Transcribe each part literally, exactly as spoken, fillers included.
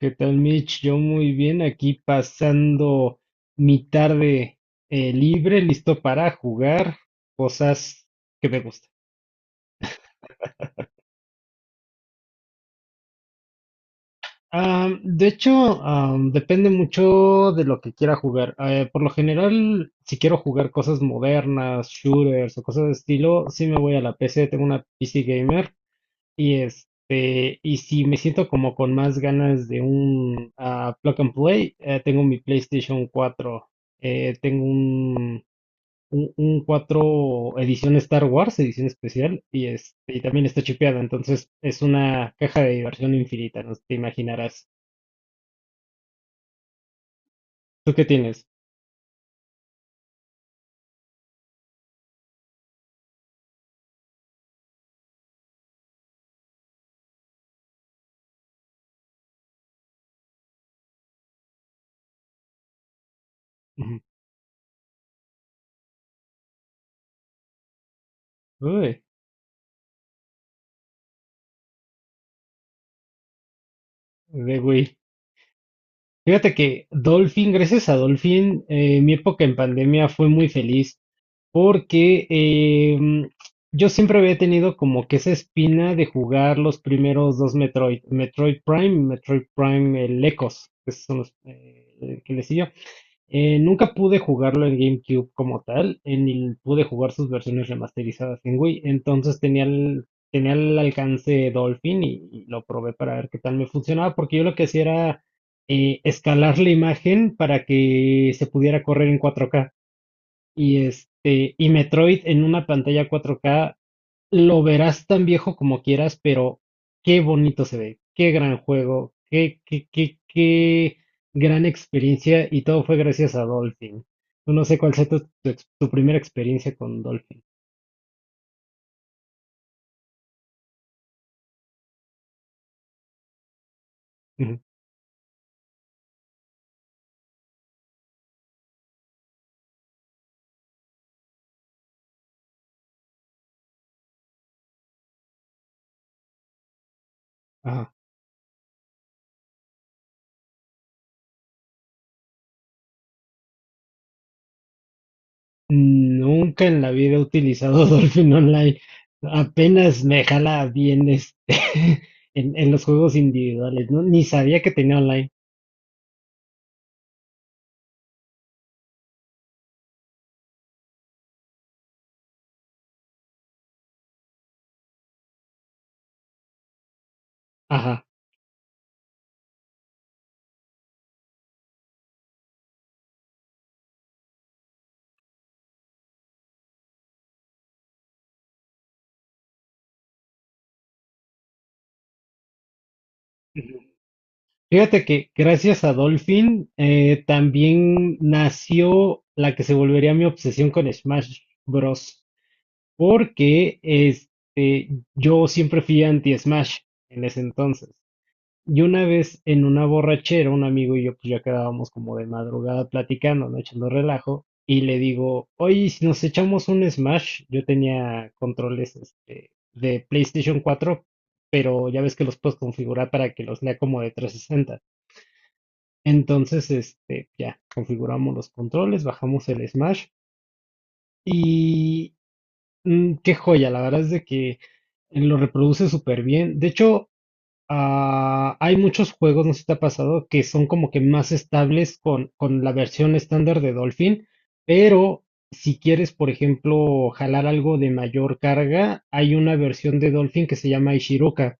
¿Qué tal, Mitch? Yo muy bien, aquí pasando mi tarde eh, libre, listo para jugar cosas que me gustan. Am, de hecho, am, depende mucho de lo que quiera jugar. Eh, por lo general, si quiero jugar cosas modernas, shooters o cosas de estilo, sí me voy a la P C, tengo una P C gamer y este, y si me siento como con más ganas de un ah, plug and play, eh, tengo mi PlayStation cuatro. Eh, tengo un un, un cuatro edición Star Wars, edición especial, y, este, y también está chipeada, entonces es una caja de diversión infinita, no te imaginarás. ¿Tú qué tienes? Ujú. Uy, de Wii. Fíjate que Dolphin, gracias a Dolphin, eh, mi época en pandemia fue muy feliz porque em, yo siempre había tenido como que esa espina de jugar los primeros dos Metroid, Metroid Prime y Metroid Prime el Echoes, que son los eh, que le siguió. Eh, nunca pude jugarlo en GameCube como tal, eh, ni pude jugar sus versiones remasterizadas en Wii. Entonces tenía el, tenía el alcance Dolphin y, y lo probé para ver qué tal me funcionaba, porque yo lo que hacía era eh, escalar la imagen para que se pudiera correr en cuatro K. Y este, y Metroid en una pantalla cuatro K lo verás tan viejo como quieras, pero qué bonito se ve, qué gran juego, qué, qué, qué, qué gran experiencia y todo fue gracias a Dolphin. No sé cuál sea tu, tu ex- tu primera experiencia con Dolphin. Ujú, ajá. Nunca en la vida he utilizado Dolphin Online. Apenas me jala bien este en, en los juegos individuales, ¿no? Ni sabía que tenía online. Ajá. Fíjate que gracias a Dolphin eh, también nació la que se volvería mi obsesión con Smash Bros. Porque este, yo siempre fui anti-Smash en ese entonces. Y una vez en una borrachera, un amigo y yo pues ya quedábamos como de madrugada platicando, ¿no? Echando relajo. Y le digo, oye, ¿y si nos echamos un Smash? Yo tenía controles este, de PlayStation cuatro, pero ya ves que los puedes configurar para que los lea como de trescientos sesenta. Entonces, este, ya, configuramos los controles, bajamos el Smash y mm, qué joya, la verdad es de que lo reproduce súper bien. De hecho, ah, hay muchos juegos, no sé si te ha pasado, que son como que más estables con, con la versión estándar de Dolphin, pero si quieres, por ejemplo, jalar algo de mayor carga, hay una versión de Dolphin que se llama Ishiroka.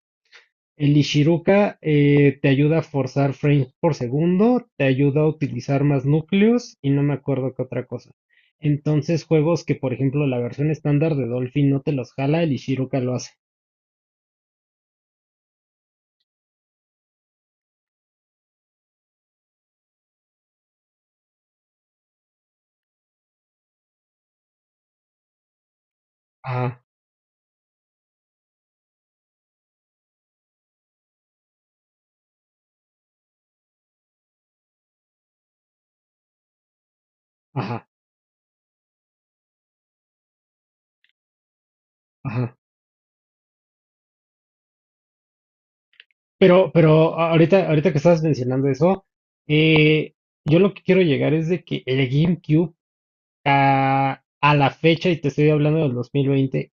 El Ishiruka eh, te ayuda a forzar frames por segundo, te ayuda a utilizar más núcleos y no me acuerdo qué otra cosa. Entonces, juegos que, por ejemplo, la versión estándar de Dolphin no te los jala, el Ishiruka lo hace. Ajá, ajá, ajá. Pero, pero ahorita, ahorita que estabas mencionando eso, eh, yo lo que quiero llegar es de que el GameCube a, a la fecha, y te estoy hablando del dos mil veinte,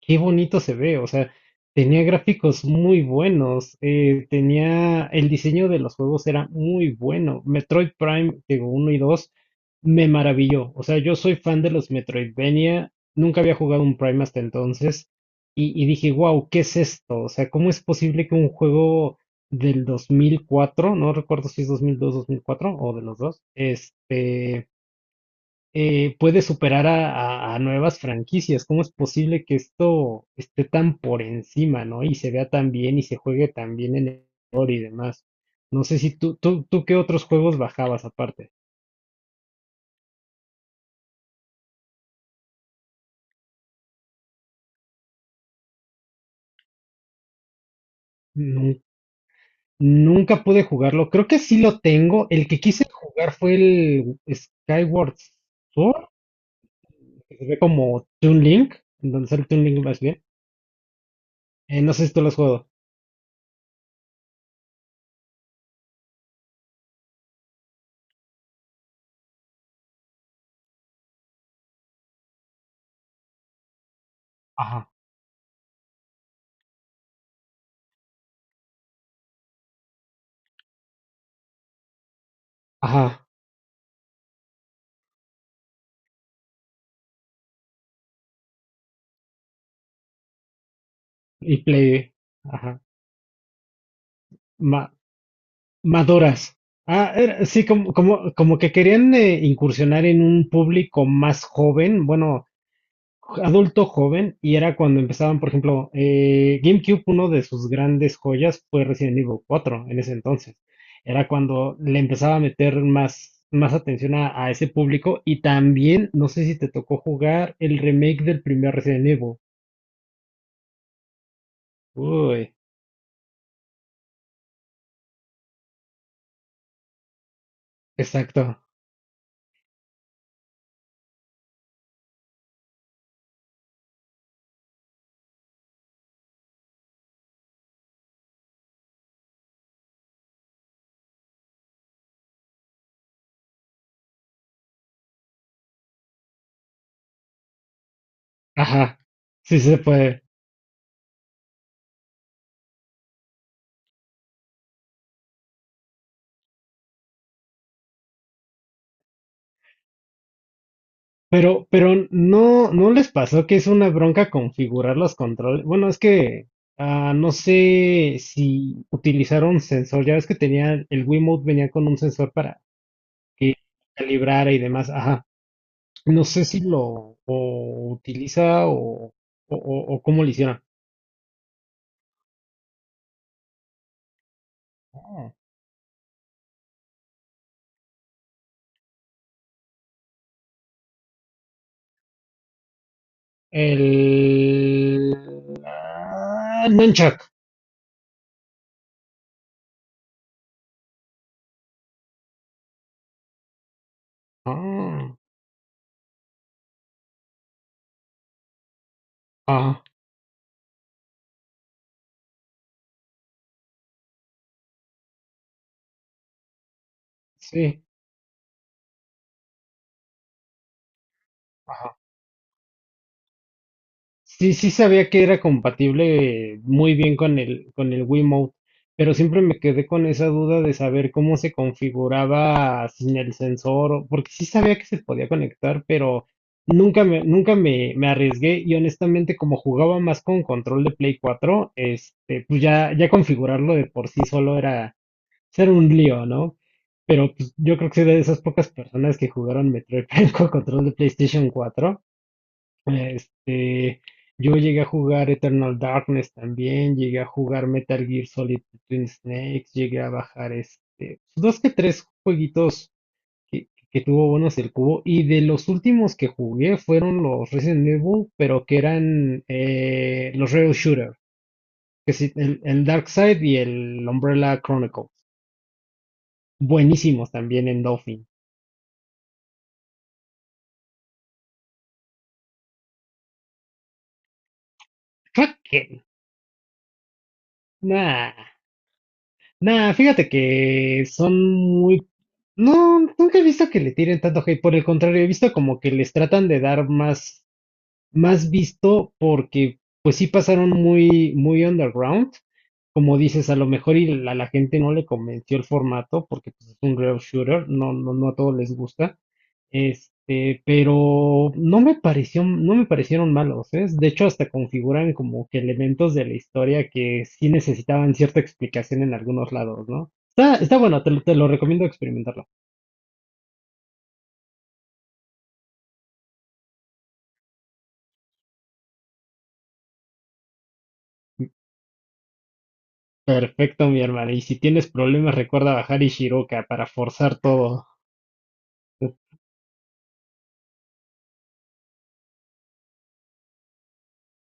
qué bonito se ve, o sea, tenía gráficos muy buenos, eh, tenía, el diseño de los juegos era muy bueno. Metroid Prime, digo, uno y dos, me maravilló. O sea, yo soy fan de los Metroidvania, nunca había jugado un Prime hasta entonces, y, y dije, wow, ¿qué es esto? O sea, ¿cómo es posible que un juego del dos mil cuatro, no recuerdo si es dos mil dos, dos mil mil cuatro o de los dos, este eh, puede superar a, a- a nuevas franquicias? ¿Cómo es posible que esto esté tan por encima, ¿no? Y se vea tan bien y se juegue tan bien en el ordenador y demás. No sé si tú, tú, tú qué otros juegos bajabas aparte. Nun- nunca pude jugarlo. Creo que sí lo tengo. El que quise jugar fue el Skyward Sword, que se ve como Toon Link, entonces el Toon Link más bien. Eh, no sé si tú lo has jugado. Ajá. Ajá. Y Play. Ajá. Ma- Maduras. Ah, era- sí, como, como, como que querían eh, incursionar en un público más joven, bueno, adulto joven, y era cuando empezaban, por ejemplo, eh, GameCube, uno de sus grandes joyas fue Resident Evil cuatro en ese entonces. Era cuando le empezaba a meter más, más atención a, a ese público, y también, no sé si te tocó jugar el remake del primer Resident Evil. Uy, exacto. Ajá, sí se puede. Pero, pero no, ¿no les pasó que es una bronca configurar los controles? Bueno, es que ah, no sé si utilizaron sensor. Ya ves que tenía el Wiimote venía con un sensor para que calibrara y demás. Ajá. No sé si lo o utiliza o, o, o- o cómo lo hicieron. Ah, el ah, nunchuck. Ah, ah, sí. Sí, sí sabía que era compatible eh, muy bien con el, con el Wiimote, pero siempre me quedé con esa duda de saber cómo se configuraba sin el sensor, o- porque sí sabía que se podía conectar, pero nunca me, nunca me, me arriesgué y honestamente como jugaba más con control de Play cuatro, este, pues ya, ya configurarlo de por sí solo era era un lío, ¿no? Pero pues, yo creo que soy de esas pocas personas que jugaron Metroid Prime con control de PlayStation cuatro. Este, yo llegué a jugar Eternal Darkness también, llegué a jugar Metal Gear Solid Twin Snakes, llegué a bajar este, dos que tres jueguitos que, que tuvo buenos el cubo. Y de los últimos que jugué fueron los Resident Evil, pero que eran eh, los Rail Shooter, que sí, el, el Darkseid y el Umbrella Chronicles. Buenísimos también en Dolphin. Kraken. Nah. Nah, fíjate que son muy... No, nunca he visto que le tiren tanto hate, por el contrario, he visto como que les tratan de dar más más visto porque pues sí pasaron muy, muy underground. Como dices, a lo mejor y la, la gente no le convenció el formato porque pues, es un real shooter, no, no, no a todos les gusta. Este, pero no me pareció, no me parecieron malos, ¿eh? De hecho, hasta configuran como que elementos de la historia que sí necesitaban cierta explicación en algunos lados, ¿no? Está, está bueno, te, lo- te lo recomiendo experimentarlo. Perfecto, mi hermano. Y si tienes problemas, recuerda bajar Ishiroka para forzar todo.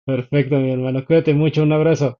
Perfecto, mi hermano. Cuídate mucho. Un abrazo.